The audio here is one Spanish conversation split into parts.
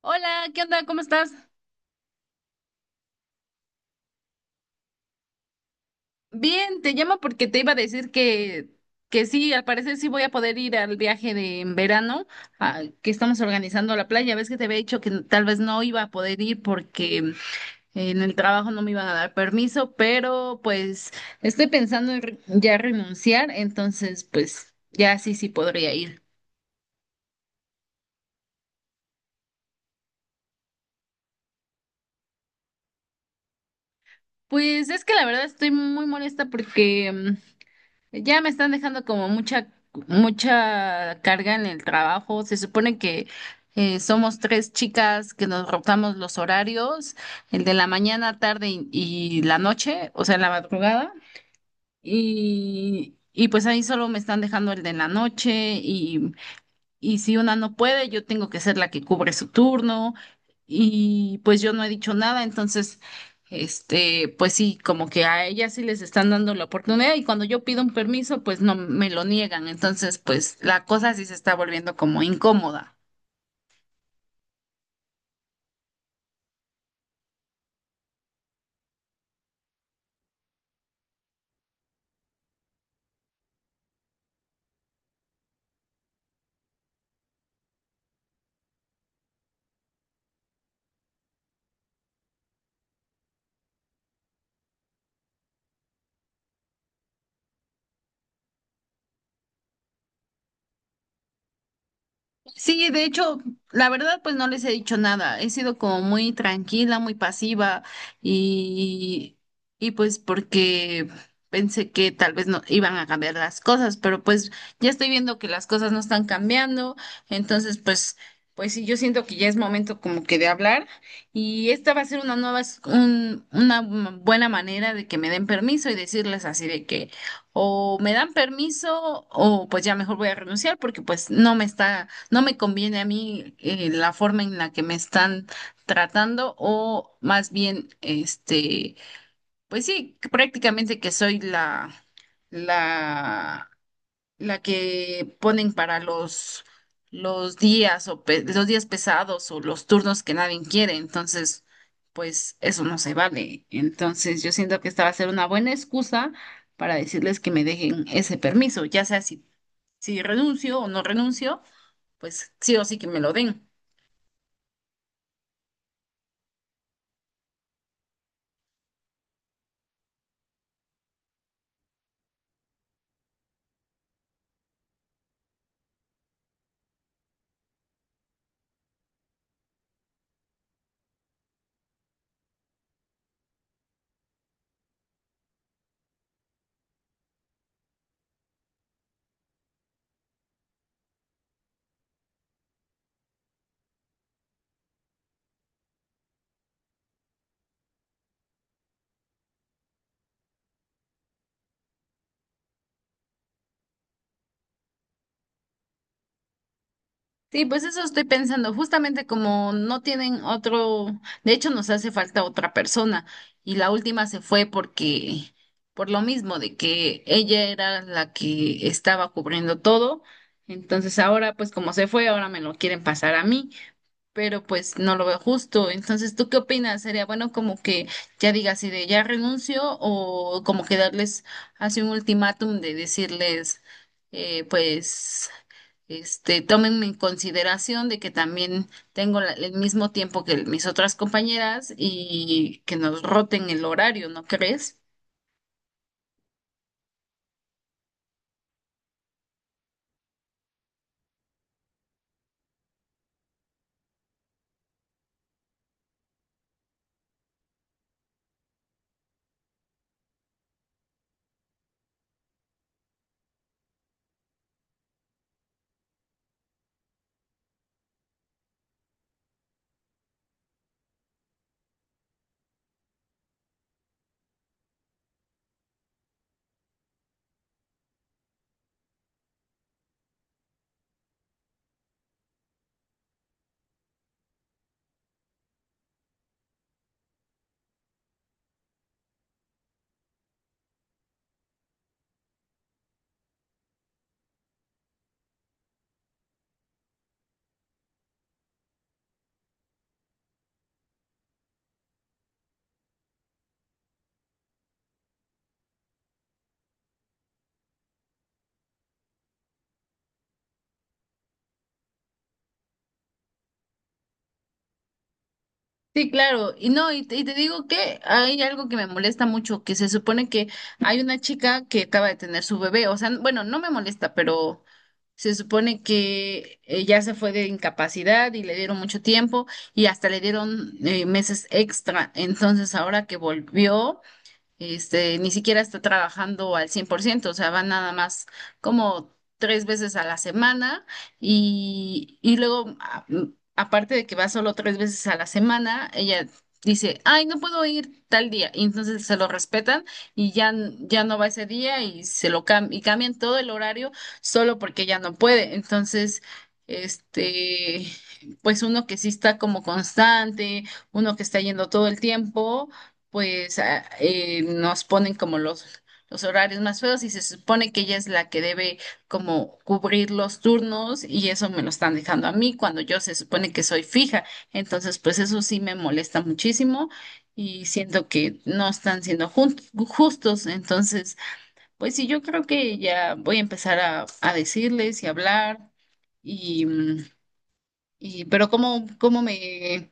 Hola, ¿qué onda? ¿Cómo estás? Bien, te llamo porque te iba a decir que sí, al parecer sí voy a poder ir al viaje de en verano que estamos organizando a la playa. Ves que te había dicho que tal vez no iba a poder ir porque en el trabajo no me iban a dar permiso, pero pues estoy pensando en ya renunciar, entonces pues ya sí, sí podría ir. Pues es que la verdad estoy muy molesta porque ya me están dejando como mucha carga en el trabajo. Se supone que somos tres chicas que nos rotamos los horarios, el de la mañana, tarde y la noche, o sea, la madrugada. Y pues ahí solo me están dejando el de la noche y si una no puede, yo tengo que ser la que cubre su turno y pues yo no he dicho nada, entonces, este, pues sí, como que a ellas sí les están dando la oportunidad y cuando yo pido un permiso, pues no me lo niegan, entonces, pues la cosa sí se está volviendo como incómoda. Sí, de hecho, la verdad, pues no les he dicho nada. He sido como muy tranquila, muy pasiva y, y pues porque pensé que tal vez no iban a cambiar las cosas, pero pues ya estoy viendo que las cosas no están cambiando. Entonces, pues, pues sí, yo siento que ya es momento como que de hablar y esta va a ser una nueva, una buena manera de que me den permiso y decirles así de que o me dan permiso o pues ya mejor voy a renunciar porque pues no me conviene a mí la forma en la que me están tratando o más bien, este, pues sí, que prácticamente que soy la, la que ponen para los días o pe- los días pesados o los turnos que nadie quiere. Entonces, pues eso no se vale. Entonces, yo siento que esta va a ser una buena excusa para decirles que me dejen ese permiso, ya sea si renuncio o no renuncio pues sí o sí que me lo den. Sí, pues eso estoy pensando, justamente como no tienen otro, de hecho nos hace falta otra persona y la última se fue porque, por lo mismo de que ella era la que estaba cubriendo todo, entonces ahora pues como se fue, ahora me lo quieren pasar a mí, pero pues no lo veo justo. Entonces, ¿tú qué opinas? ¿Sería bueno como que ya diga si de ya renuncio o como que darles así un ultimátum de decirles pues este, tomen en consideración de que también tengo el mismo tiempo que mis otras compañeras y que nos roten el horario, ¿no crees? Sí, claro. Y no, y te digo que hay algo que me molesta mucho, que se supone que hay una chica que acaba de tener su bebé, o sea, bueno, no me molesta, pero se supone que ya se fue de incapacidad y le dieron mucho tiempo y hasta le dieron meses extra. Entonces, ahora que volvió este, ni siquiera está trabajando al 100%, o sea, va nada más como tres veces a la semana y luego, aparte de que va solo tres veces a la semana, ella dice, ay, no puedo ir tal día, y entonces se lo respetan y ya, ya no va ese día y y cambian todo el horario solo porque ya no puede, entonces. Este, pues uno que sí está como constante, uno que está yendo todo el tiempo, pues nos ponen como los horarios más feos y se supone que ella es la que debe como cubrir los turnos y eso me lo están dejando a mí cuando yo se supone que soy fija. Entonces, pues eso sí me molesta muchísimo y siento que no están siendo justos. Entonces, pues sí, yo creo que ya voy a empezar a decirles y hablar. Y, mm, pero ¿cómo me,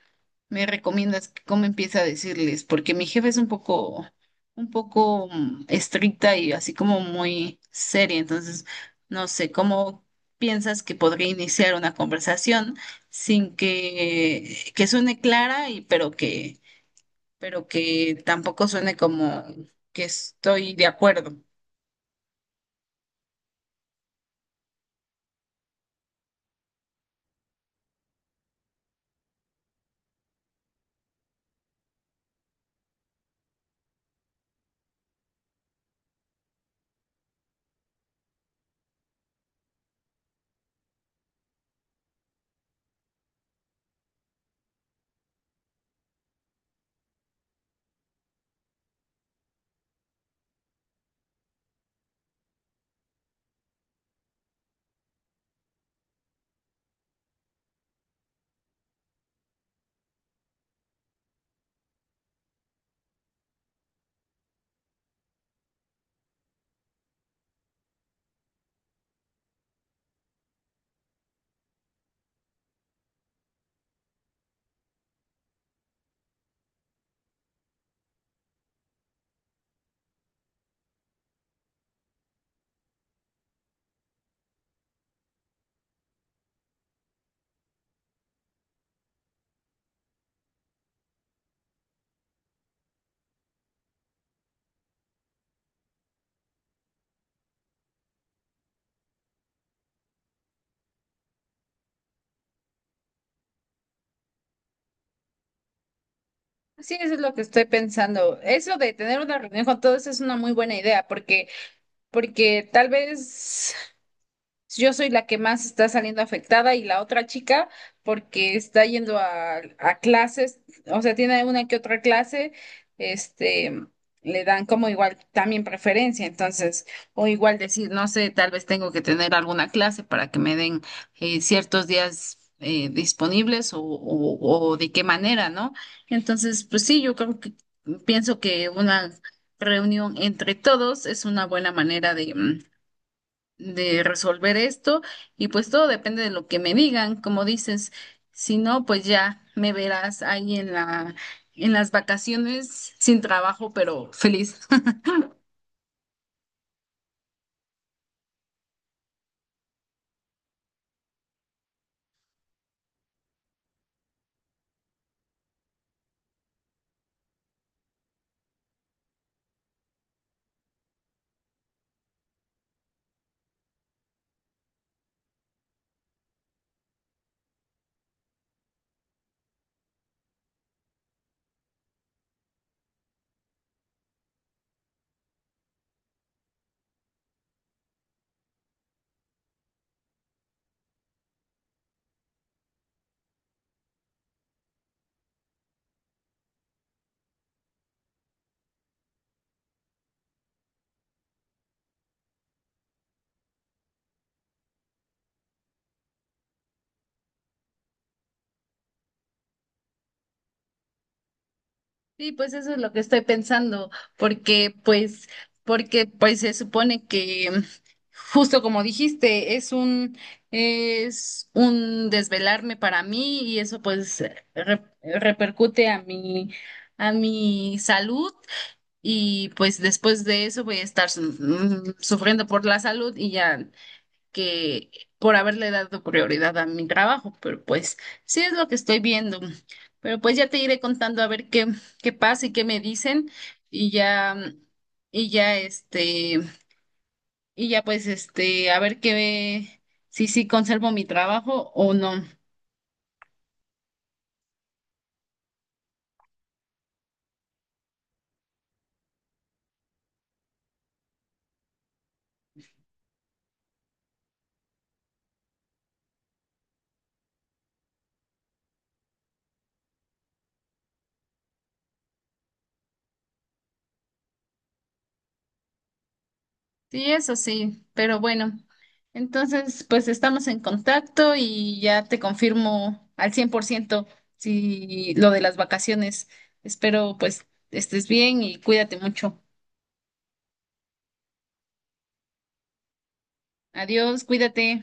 me recomiendas, cómo empieza a decirles? Porque mi jefe es un poco, un poco estricta y así como muy seria. Entonces, no sé, ¿cómo piensas que podría iniciar una conversación sin que suene clara y pero que tampoco suene como que estoy de acuerdo? Sí, eso es lo que estoy pensando. Eso de tener una reunión con todos es una muy buena idea porque tal vez yo soy la que más está saliendo afectada y la otra chica porque está yendo a clases, o sea, tiene una que otra clase, este, le dan como igual también preferencia, entonces, o igual decir, no sé, tal vez tengo que tener alguna clase para que me den ciertos días disponibles o de qué manera, ¿no? Entonces, pues sí, yo creo que pienso que una reunión entre todos es una buena manera de resolver esto y pues todo depende de lo que me digan, como dices, si no, pues ya me verás ahí en las vacaciones sin trabajo, pero feliz. Sí, pues eso es lo que estoy pensando, porque pues, porque pues se supone que justo como dijiste, es un desvelarme para mí y eso pues repercute a mi salud. Y pues después de eso voy a estar sufriendo por la salud y ya que por haberle dado prioridad a mi trabajo, pero pues sí es lo que estoy viendo. Pero pues ya te iré contando a ver qué pasa y qué me dicen y ya, y ya este, y ya pues este, a ver qué, si sí conservo mi trabajo o no. Sí, eso sí, pero bueno, entonces pues estamos en contacto y ya te confirmo al 100% si lo de las vacaciones. Espero pues estés bien y cuídate mucho. Adiós, cuídate.